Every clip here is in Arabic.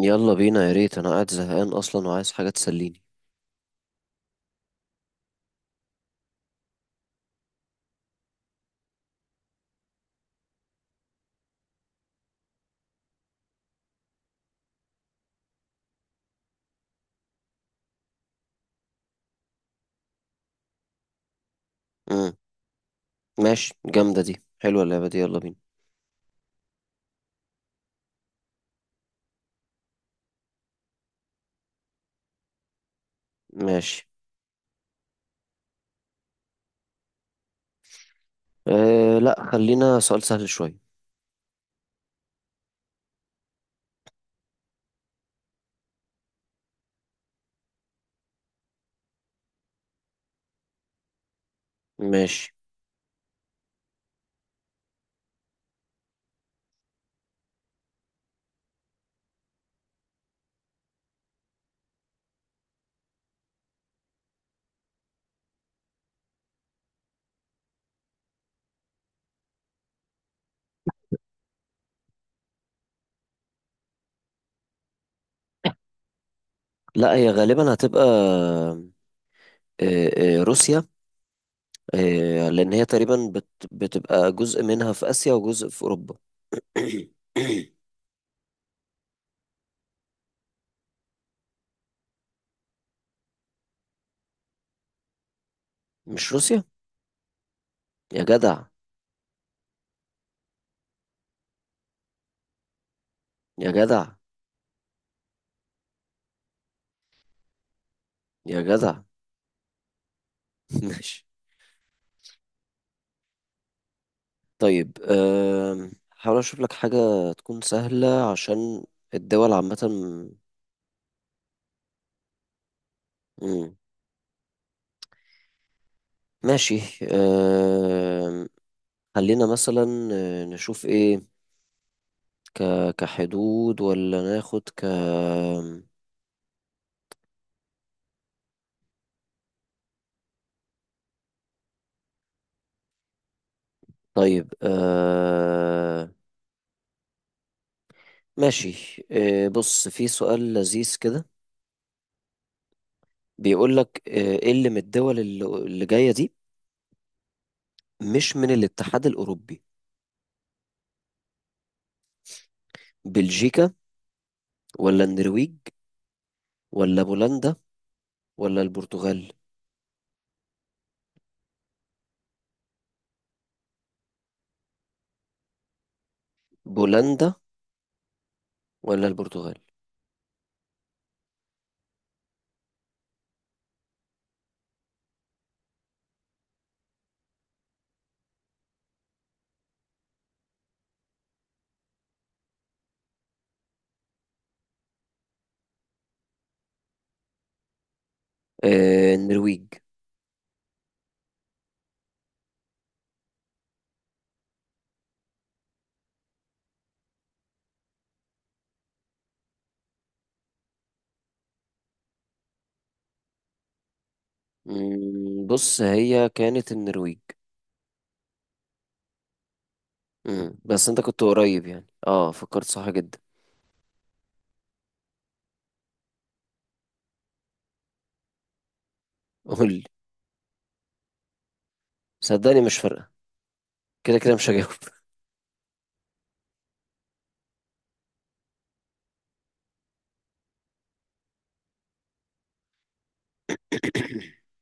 يلا بينا يا ريت انا قاعد زهقان اصلا وعايز حاجه تسليني. امم ماشي، جامده دي، حلوه اللعبه دي، يلا بينا. ماشي. أه لا، خلينا سؤال سهل شويه. ماشي. لا، هي غالبا هتبقى أه روسيا، أه لان هي تقريبا بتبقى جزء منها في اسيا وجزء في اوروبا. مش روسيا؟ يا جدع! يا جدع! يا جدع! ماشي. طيب أه حاول اشوف لك حاجه تكون سهله، عشان الدول عامه. مم. ماشي. آم، خلينا مثلا، نشوف ايه. ك... كحدود، ولا ناخد ك... طيب ماشي، بص، في سؤال لذيذ كده. بيقول لك ايه اللي من الدول اللي جاية دي مش من الاتحاد الأوروبي؟ بلجيكا، ولا النرويج، ولا بولندا، ولا البرتغال. بولندا. ولا البرتغال. النرويج. بص، هي كانت النرويج. امم، بس انت كنت قريب يعني، اه فكرت صح جدا. قول لي، صدقني مش فارقة، كده كده مش هجاوب.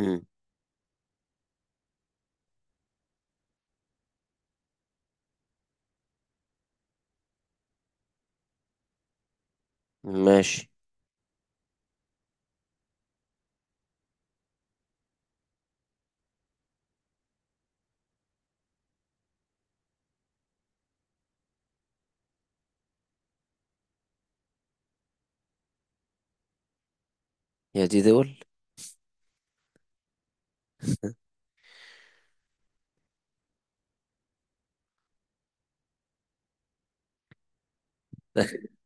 امم. ماشي. يا دي دول!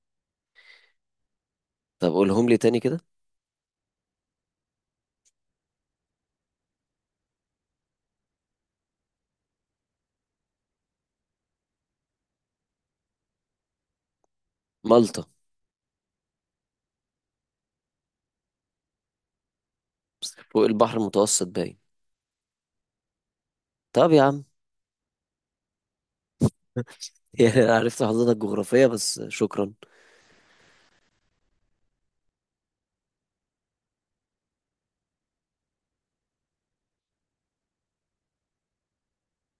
طب قولهم لي تاني كده. مالطا. فوق البحر المتوسط باين. طب يا عم! يعني أنا عرفت حضرتك جغرافية، بس شكرا.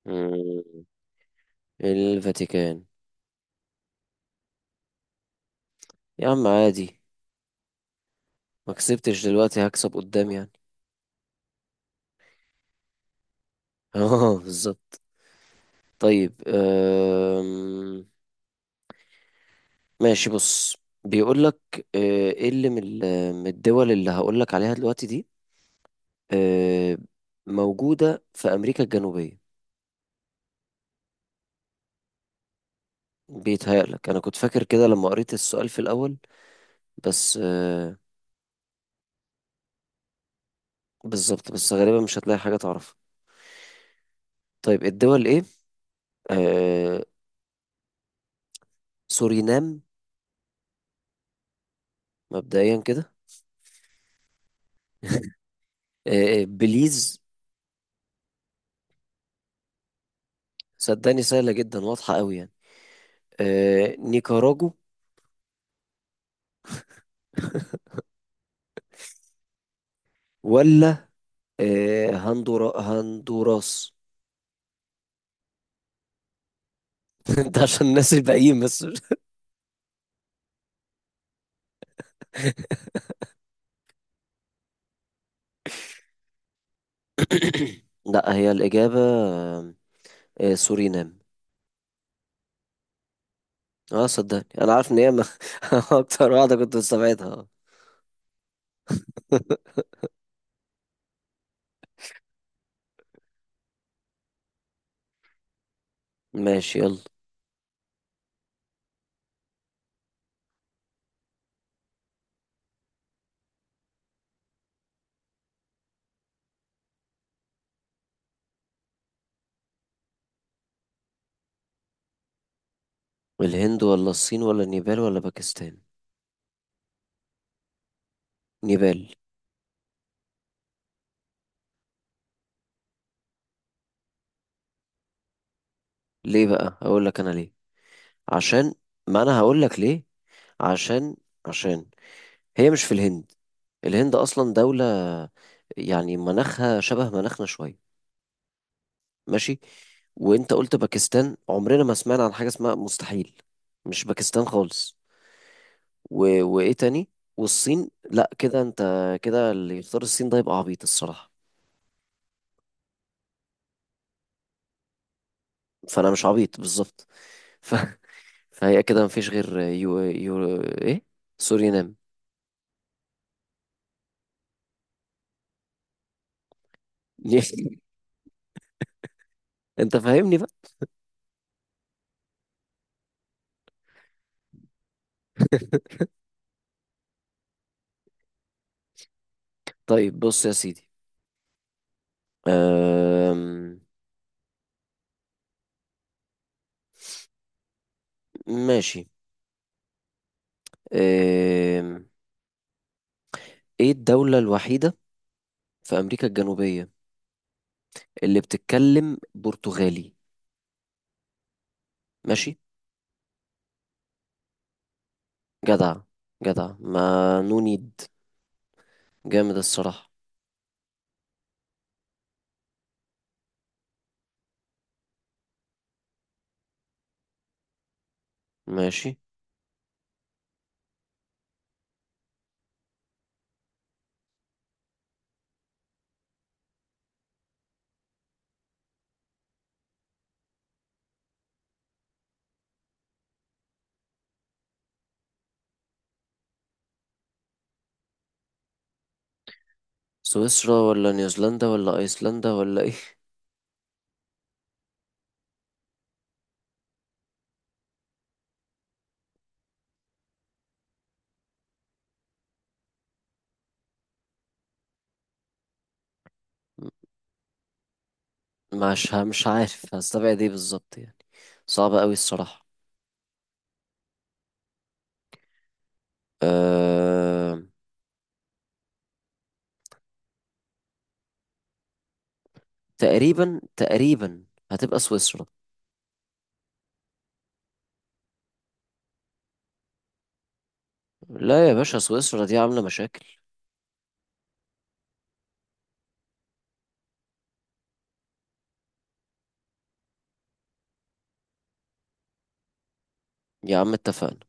مم. الفاتيكان. يا عم عادي، ما كسبتش دلوقتي هكسب قدام يعني. اه بالظبط. طيب ماشي، بص، بيقول لك ايه اللي من من الدول اللي هقول لك عليها دلوقتي دي آه، موجودة في أمريكا الجنوبية. بيتهيألك أنا كنت فاكر كده لما قريت السؤال في الأول، بس بالظبط، بس غالبا مش هتلاقي حاجة تعرفها. طيب الدول إيه؟ آه، سورينام، مبدئيا كده. بليز. صدقني سهلة جدا، واضحة أوي يعني. نيكاراجو، ولا هندورا هندوراس. ده عشان الناس الباقيين بس. لا، هي الإجابة آم، سورينام. اه صدقني انا عارف ان هي اكتر واحدة كنت مستبعدها. ماشي، يلا. الهند ولا الصين ولا نيبال ولا باكستان؟ نيبال. ليه بقى؟ هقول لك انا ليه. عشان، ما انا هقول لك ليه. عشان، عشان هي مش في الهند. الهند اصلا دولة يعني مناخها شبه مناخنا شوية. ماشي. وانت قلت باكستان، عمرنا ما سمعنا عن حاجة اسمها، مستحيل، مش باكستان خالص. وايه تاني؟ والصين لا، كده انت، كده اللي يختار الصين ده يبقى عبيط الصراحة. فانا مش عبيط بالظبط. ف... فهي كده مفيش غير ايه، سورينام. انت فاهمني بقى. طيب بص يا سيدي، أم... ماشي، أم... ايه الدولة الوحيدة في أمريكا الجنوبية اللي بتتكلم برتغالي؟ ماشي. جدع، جدع، ما نو نيد. جامد الصراحة. ماشي. سويسرا، ولا نيوزيلندا، ولا ايسلندا، ولا ايه؟ مش عارف هستبعد ايه بالظبط يعني، صعبة قوي الصراحة. أه... تقريبا، تقريبا هتبقى سويسرا. لا يا باشا، سويسرا دي عاملة مشاكل. يا عم اتفقنا.